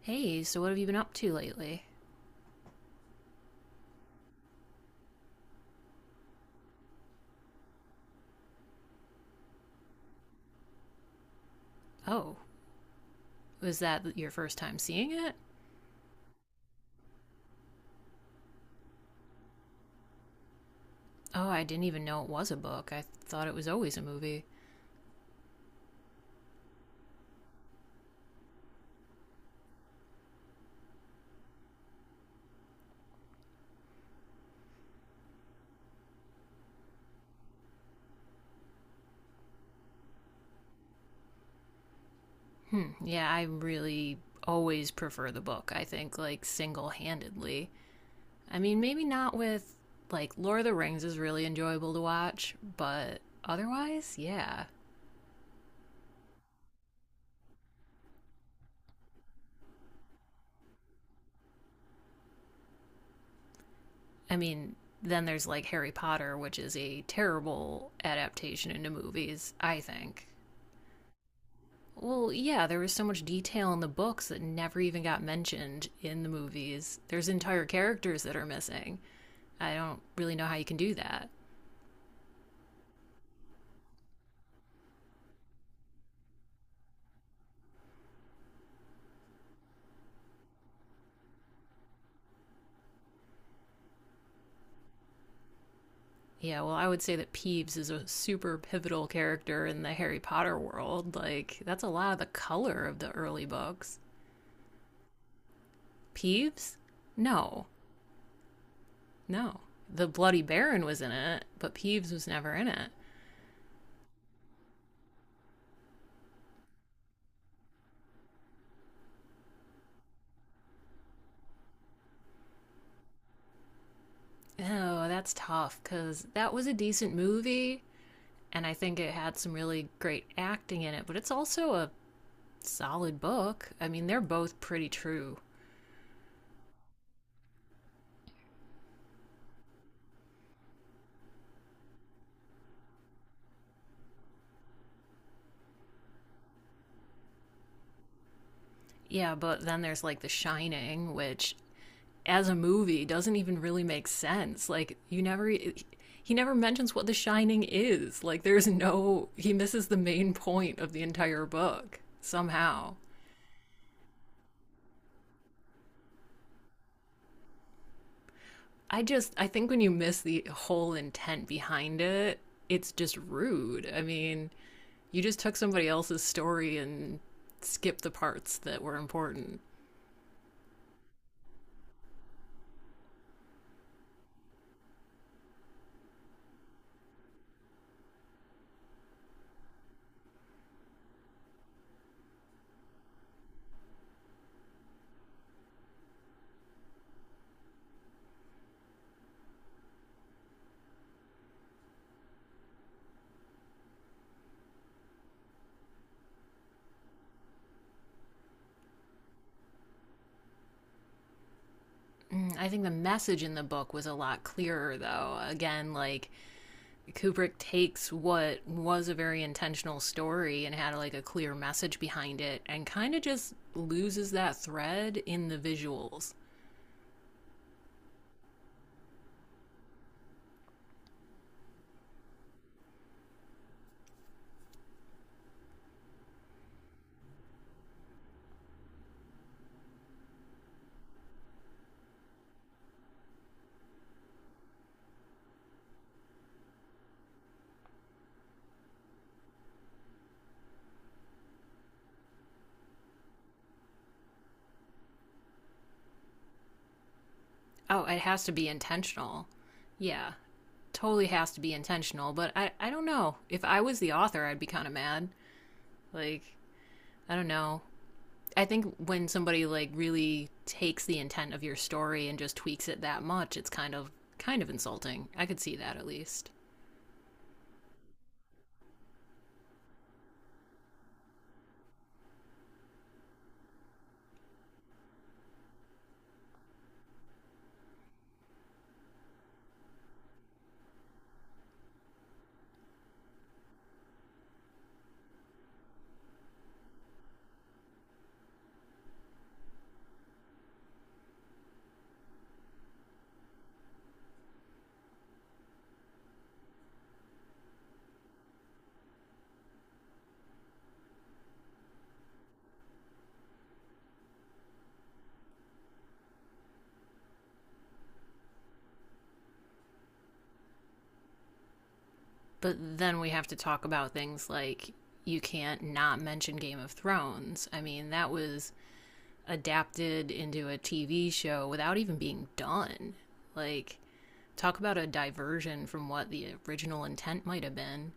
Hey, so what have you been up to lately? Oh, was that your first time seeing it? Oh, I didn't even know it was a book. I thought it was always a movie. Hmm, yeah, I really always prefer the book, I think, like single handedly. I mean, maybe not with, like, Lord of the Rings is really enjoyable to watch, but otherwise, yeah. I mean, then there's like Harry Potter, which is a terrible adaptation into movies, I think. Well, yeah, there was so much detail in the books that never even got mentioned in the movies. There's entire characters that are missing. I don't really know how you can do that. Yeah, well, I would say that Peeves is a super pivotal character in the Harry Potter world. Like, that's a lot of the color of the early books. Peeves? No, no. The Bloody Baron was in it, but Peeves was never in it. Oh, that's tough, because that was a decent movie, and I think it had some really great acting in it, but it's also a solid book. I mean, they're both pretty true. Yeah, but then there's like The Shining, which as a movie doesn't even really make sense. Like you never he never mentions what The Shining is. Like there's no he misses the main point of the entire book somehow. I think when you miss the whole intent behind it, it's just rude. I mean, you just took somebody else's story and skipped the parts that were important. Mm, I think the message in the book was a lot clearer, though. Again, like Kubrick takes what was a very intentional story and had like a clear message behind it and kind of just loses that thread in the visuals. Oh, it has to be intentional. Yeah, totally has to be intentional. But I don't know. If I was the author, I'd be kind of mad. Like, I don't know. I think when somebody like really takes the intent of your story and just tweaks it that much, it's kind of insulting. I could see that at least. But then we have to talk about things like you can't not mention Game of Thrones. I mean, that was adapted into a TV show without even being done. Like talk about a diversion from what the original intent might have been.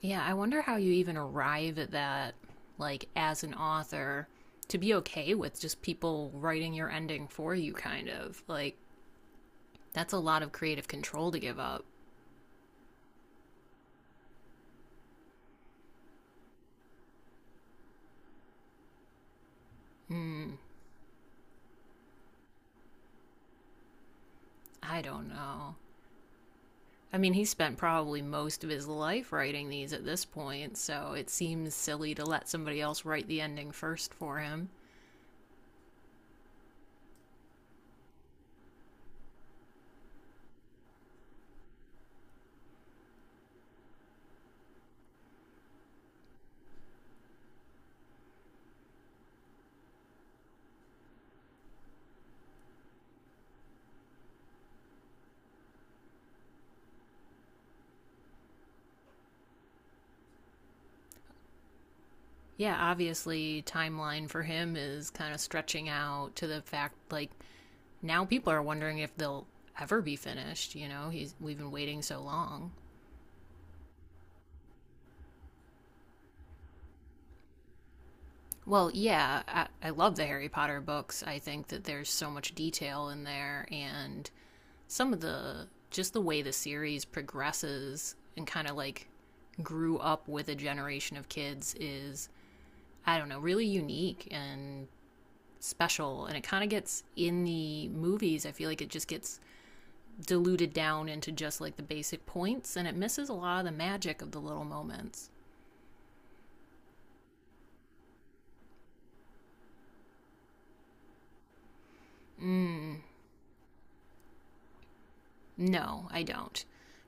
Yeah, I wonder how you even arrive at that, like, as an author, to be okay with just people writing your ending for you, kind of. Like, that's a lot of creative control to give up. Hmm, I don't know. I mean, he spent probably most of his life writing these at this point, so it seems silly to let somebody else write the ending first for him. Yeah, obviously, timeline for him is kind of stretching out to the fact, like, now people are wondering if they'll ever be finished. You know, he's we've been waiting so long. Well, yeah, I love the Harry Potter books. I think that there's so much detail in there, and some of the just the way the series progresses and kind of like grew up with a generation of kids is I don't know, really unique and special and it kind of gets in the movies I feel like it just gets diluted down into just like the basic points and it misses a lot of the magic of the little moments. No, I don't,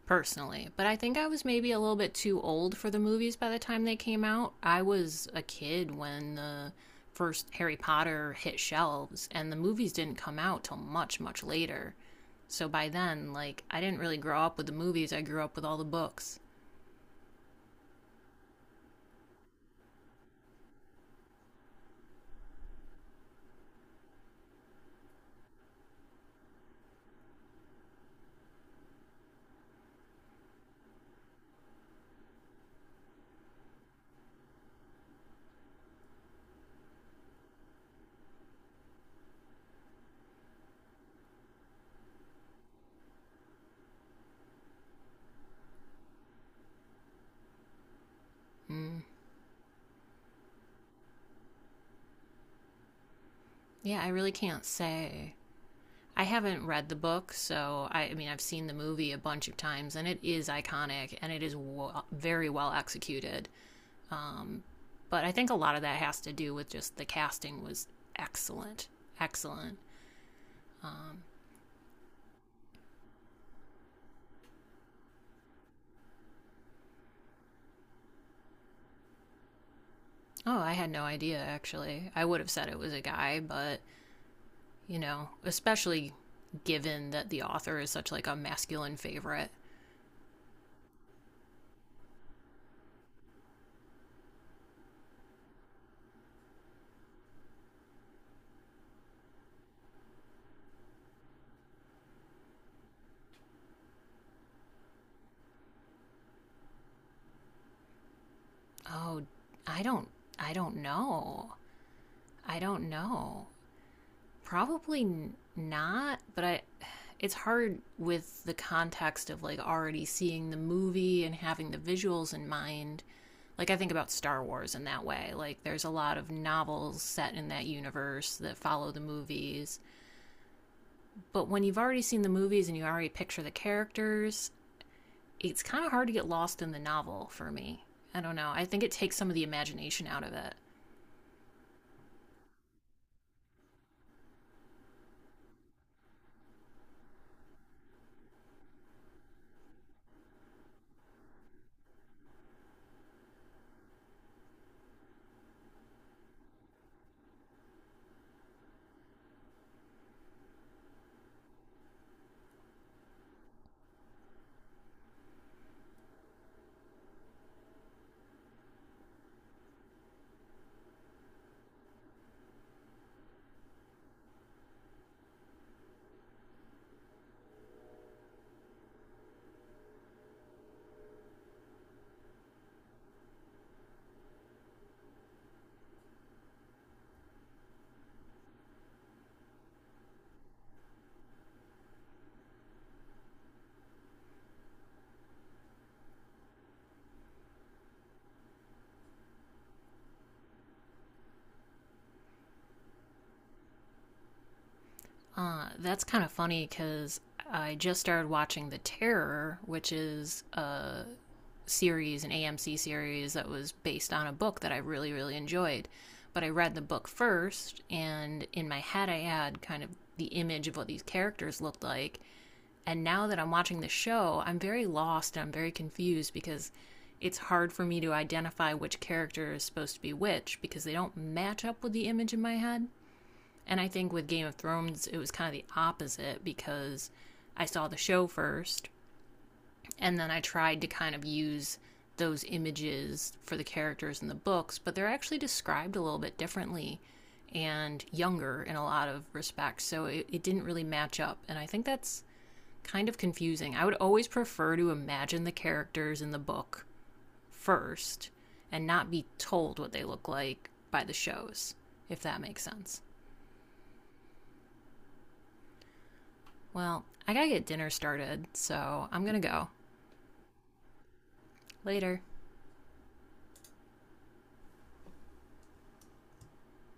personally. But I think I was maybe a little bit too old for the movies by the time they came out. I was a kid when the first Harry Potter hit shelves, and the movies didn't come out till much, much later. So by then, like, I didn't really grow up with the movies, I grew up with all the books. Mm, yeah, I really can't say. I haven't read the book, so I mean, I've seen the movie a bunch of times, and it is iconic and it is very well executed. Um, but I think a lot of that has to do with just the casting was excellent. Excellent. Oh, I had no idea actually. I would have said it was a guy, but you know, especially given that the author is such like a masculine favorite. Oh, I don't I don't know. I don't know. Probably not, but I it's hard with the context of like already seeing the movie and having the visuals in mind. Like I think about Star Wars in that way. Like there's a lot of novels set in that universe that follow the movies. But when you've already seen the movies and you already picture the characters, it's kind of hard to get lost in the novel for me. I don't know. I think it takes some of the imagination out of it. That's kind of funny because I just started watching The Terror, which is a series, an AMC series that was based on a book that I really, really enjoyed. But I read the book first, and in my head, I had kind of the image of what these characters looked like. And now that I'm watching the show, I'm very lost and I'm very confused because it's hard for me to identify which character is supposed to be which because they don't match up with the image in my head. And I think with Game of Thrones, it was kind of the opposite because I saw the show first and then I tried to kind of use those images for the characters in the books, but they're actually described a little bit differently and younger in a lot of respects. So it didn't really match up. And I think that's kind of confusing. I would always prefer to imagine the characters in the book first and not be told what they look like by the shows, if that makes sense. Well, I gotta get dinner started, so I'm gonna go. Later.